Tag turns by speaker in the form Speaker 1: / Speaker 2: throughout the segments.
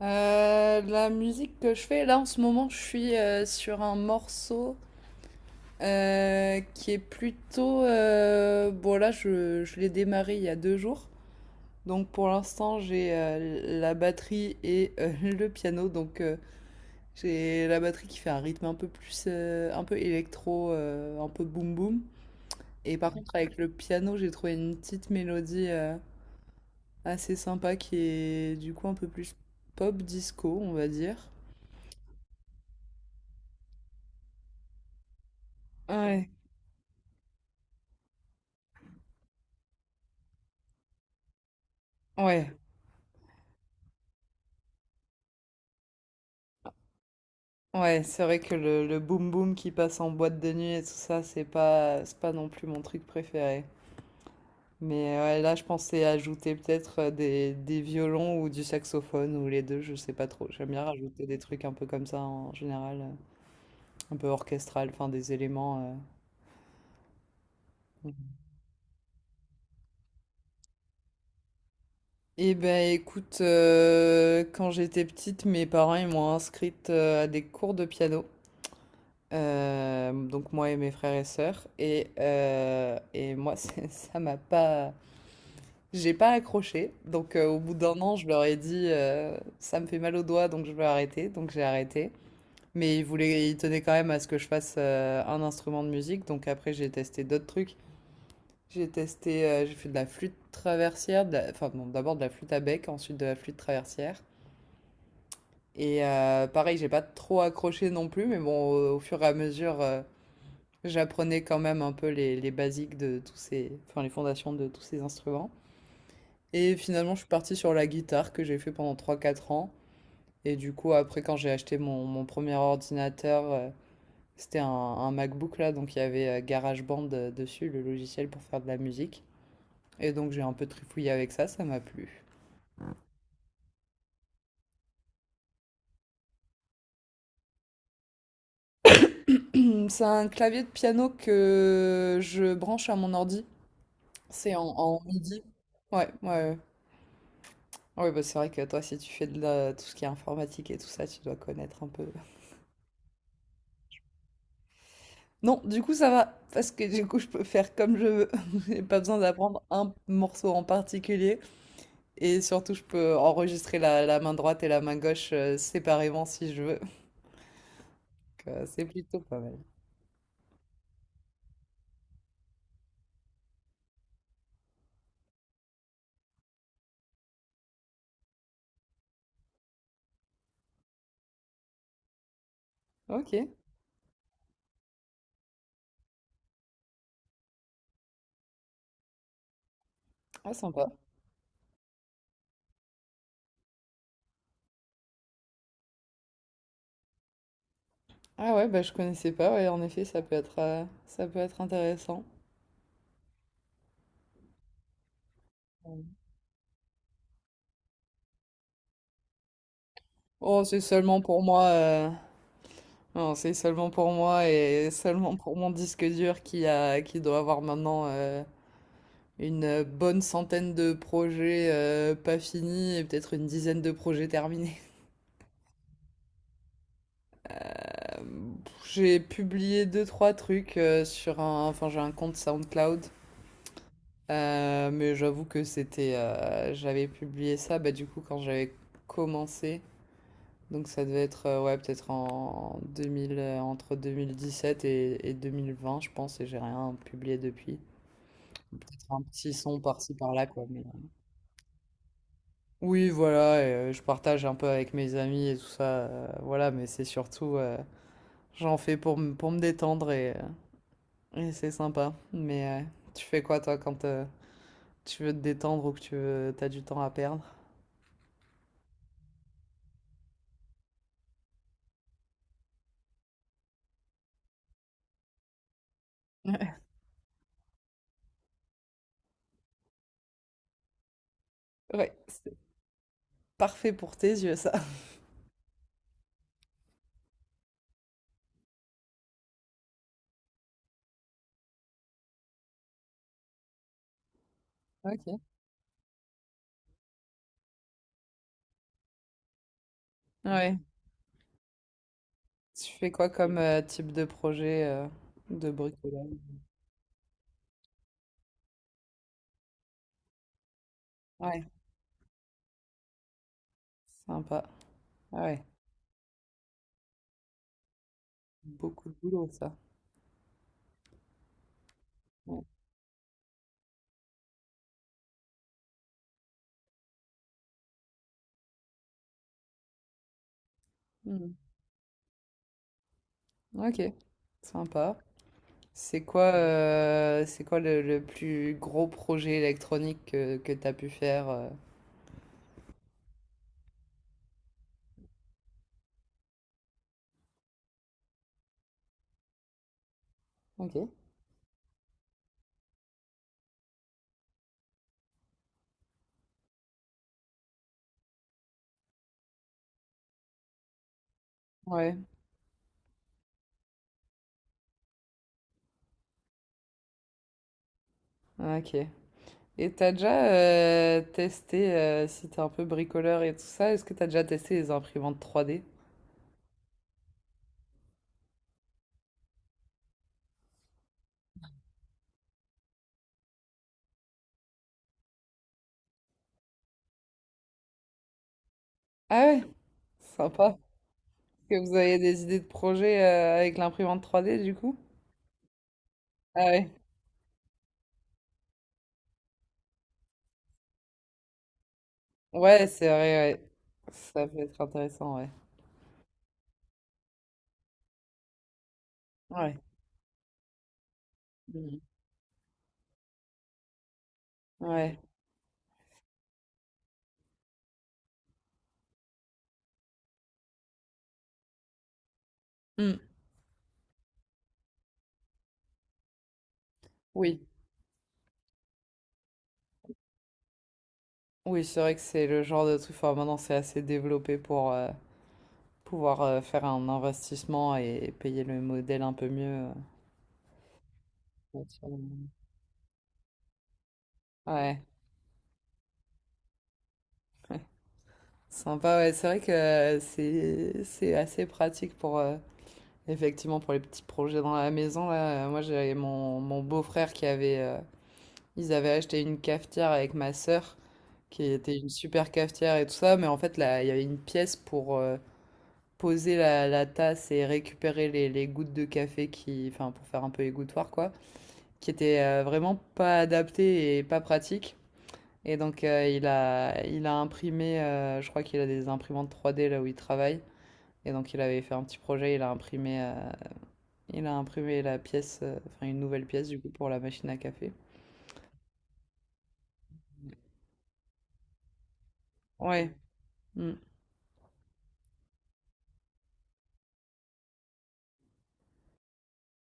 Speaker 1: La musique que je fais, là en ce moment, je suis sur un morceau qui est plutôt. Bon là, je l'ai démarré il y a deux jours. Donc pour l'instant, j'ai la batterie et le piano. Donc j'ai la batterie qui fait un rythme un peu plus, un peu électro, un peu boom boom. Et par contre, avec le piano, j'ai trouvé une petite mélodie assez sympa qui est du coup un peu plus pop disco, on va dire. Ouais, ouais. Ouais, c'est vrai que le boom boom qui passe en boîte de nuit et tout ça, c'est pas non plus mon truc préféré. Mais ouais, là, je pensais ajouter peut-être euh, des violons ou du saxophone ou les deux, je sais pas trop. J'aime bien rajouter des trucs un peu comme ça en général, un peu orchestral, enfin des éléments. euh. Eh ben écoute, quand j'étais petite, mes parents ils m'ont inscrite à des cours de piano. Donc moi et mes frères et sœurs. Et moi, ça m'a pas. J'ai pas accroché, donc au bout d'un an, je leur ai dit ça me fait mal au doigt, donc je vais arrêter, donc j'ai arrêté. Mais ils tenaient quand même à ce que je fasse un instrument de musique, donc après j'ai testé d'autres trucs. J'ai testé, j'ai fait de la flûte traversière, enfin bon, d'abord de la flûte à bec, ensuite de la flûte traversière. Et pareil, j'ai pas trop accroché non plus, mais bon, au fur et à mesure, j'apprenais quand même un peu les basiques de tous ces, enfin les fondations de tous ces instruments. Et finalement, je suis partie sur la guitare que j'ai fait pendant trois quatre ans. Et du coup, après, quand j'ai acheté mon premier ordinateur, c'était un MacBook là, donc il y avait GarageBand dessus, le logiciel pour faire de la musique. Et donc j'ai un peu trifouillé avec ça, ça m'a plu. Hum. C'est un clavier de piano que je branche à mon ordi. C'est en MIDI. Ouais, ouais, ouais. Ouais, bah c'est vrai que toi, si tu fais tout ce qui est informatique et tout ça, tu dois connaître un peu. Non, du coup, ça va, parce que du coup, je peux faire comme je veux. J'ai pas besoin d'apprendre un morceau en particulier. Et surtout, je peux enregistrer la main droite et la main gauche séparément si je veux. Donc, c'est plutôt pas mal. Ok, ah, sympa. Ah ouais, bah, je connaissais pas. Ouais, en effet, ça peut être intéressant. Oh, c'est seulement pour moi. Non, c'est seulement pour moi et seulement pour mon disque dur qui doit avoir maintenant euh, une bonne centaine de projets, pas finis et peut-être une dizaine de projets terminés. Hem, j'ai publié deux trois trucs, sur un, enfin j'ai un compte SoundCloud, mais j'avoue que c'était, j'avais publié ça, bah, du coup, quand j'avais commencé, donc ça devait être, ouais, peut-être en 2000, entre 2017 et 2020, je pense et j'ai rien publié depuis. Peut-être un petit son par-ci par-là, quoi, mais euh. Oui, voilà, et, je partage un peu avec mes amis et tout ça, voilà, mais c'est surtout, j'en fais pour, pour me détendre et c'est sympa. Mais tu fais quoi, toi, quand tu veux te détendre ou que tu veux, t'as du temps à perdre? Ouais. Ouais, c'est parfait pour tes yeux, ça. Ok. Ouais. Tu fais quoi comme type de projet de bricolage? Ouais, sympa. Ah ouais, beaucoup de boulot, ça. Ouais. Hmm. Ok, sympa. C'est quoi le plus gros projet électronique que tu as pu faire euh. Ok. Ouais, ok. Et t'as déjà testé, si t'es un peu bricoleur et tout ça, est-ce que t'as déjà testé les imprimantes 3D? Ah ouais, sympa. Est-ce que vous avez des idées de projets avec l'imprimante 3D du coup? Ah ouais. Ouais, c'est vrai, ouais. Ça peut être intéressant, ouais. Ouais. Mhm. Ouais. Mm. Oui. Oui, c'est vrai que c'est le genre de truc. Enfin, maintenant, c'est assez développé pour, pouvoir faire un investissement et payer le modèle un peu mieux. Ouais, ouais. Sympa, ouais. C'est vrai que euh, c'est assez pratique pour effectivement pour les petits projets dans la maison là. Moi j'avais mon beau-frère qui avait ils avaient acheté une cafetière avec ma sœur qui était une super cafetière et tout ça, mais en fait là il y avait une pièce pour poser la tasse et récupérer les gouttes de café qui enfin pour faire un peu égouttoir quoi. Qui était vraiment pas adapté et pas pratique. Et donc il a imprimé, je crois qu'il a des imprimantes trois d là où il travaille. Et donc il avait fait un petit projet, il a imprimé la pièce, enfin une nouvelle pièce du coup pour la machine à café. Ouais, mm,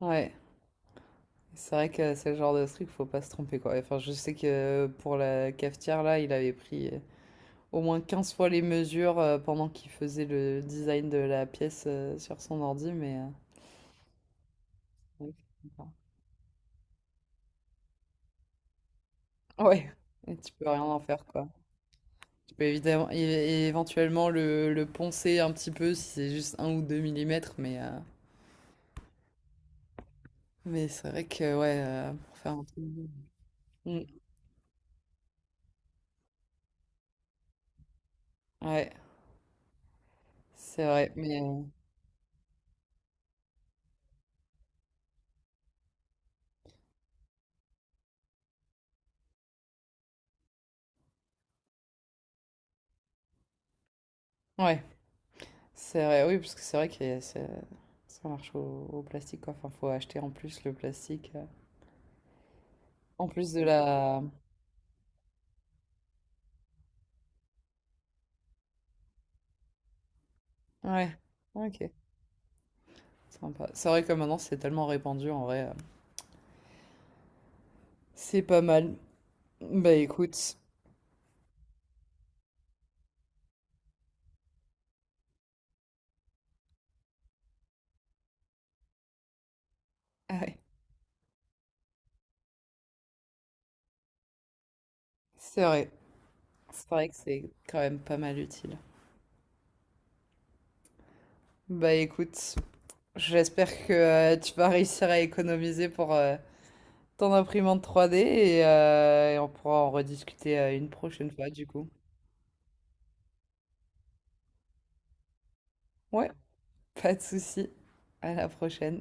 Speaker 1: ouais. C'est vrai que c'est le genre de truc, faut pas se tromper quoi. Enfin, je sais que pour la cafetière là, il avait pris au moins 15 fois les mesures pendant qu'il faisait le design de la pièce sur son ordi, mais ouais. Ouais, et tu peux rien en faire, quoi. Tu peux évidemment, éventuellement le poncer un petit peu si c'est juste un ou deux millimètres, mais c'est vrai que, ouais, pour faire un truc. Mm, ouais, c'est vrai, mais. Ouais, c'est vrai, oui, parce que c'est vrai que ça marche au plastique, quoi. Enfin, faut acheter en plus le plastique. En plus de la. Ouais, ok, sympa. C'est vrai que maintenant c'est tellement répandu, en vrai. C'est pas mal. Bah écoute, ouais, c'est vrai. C'est vrai que c'est quand même pas mal utile. Bah écoute, j'espère que tu vas réussir à économiser pour ton imprimante 3D et on pourra en rediscuter une prochaine fois du coup. Ouais, pas de souci. À la prochaine.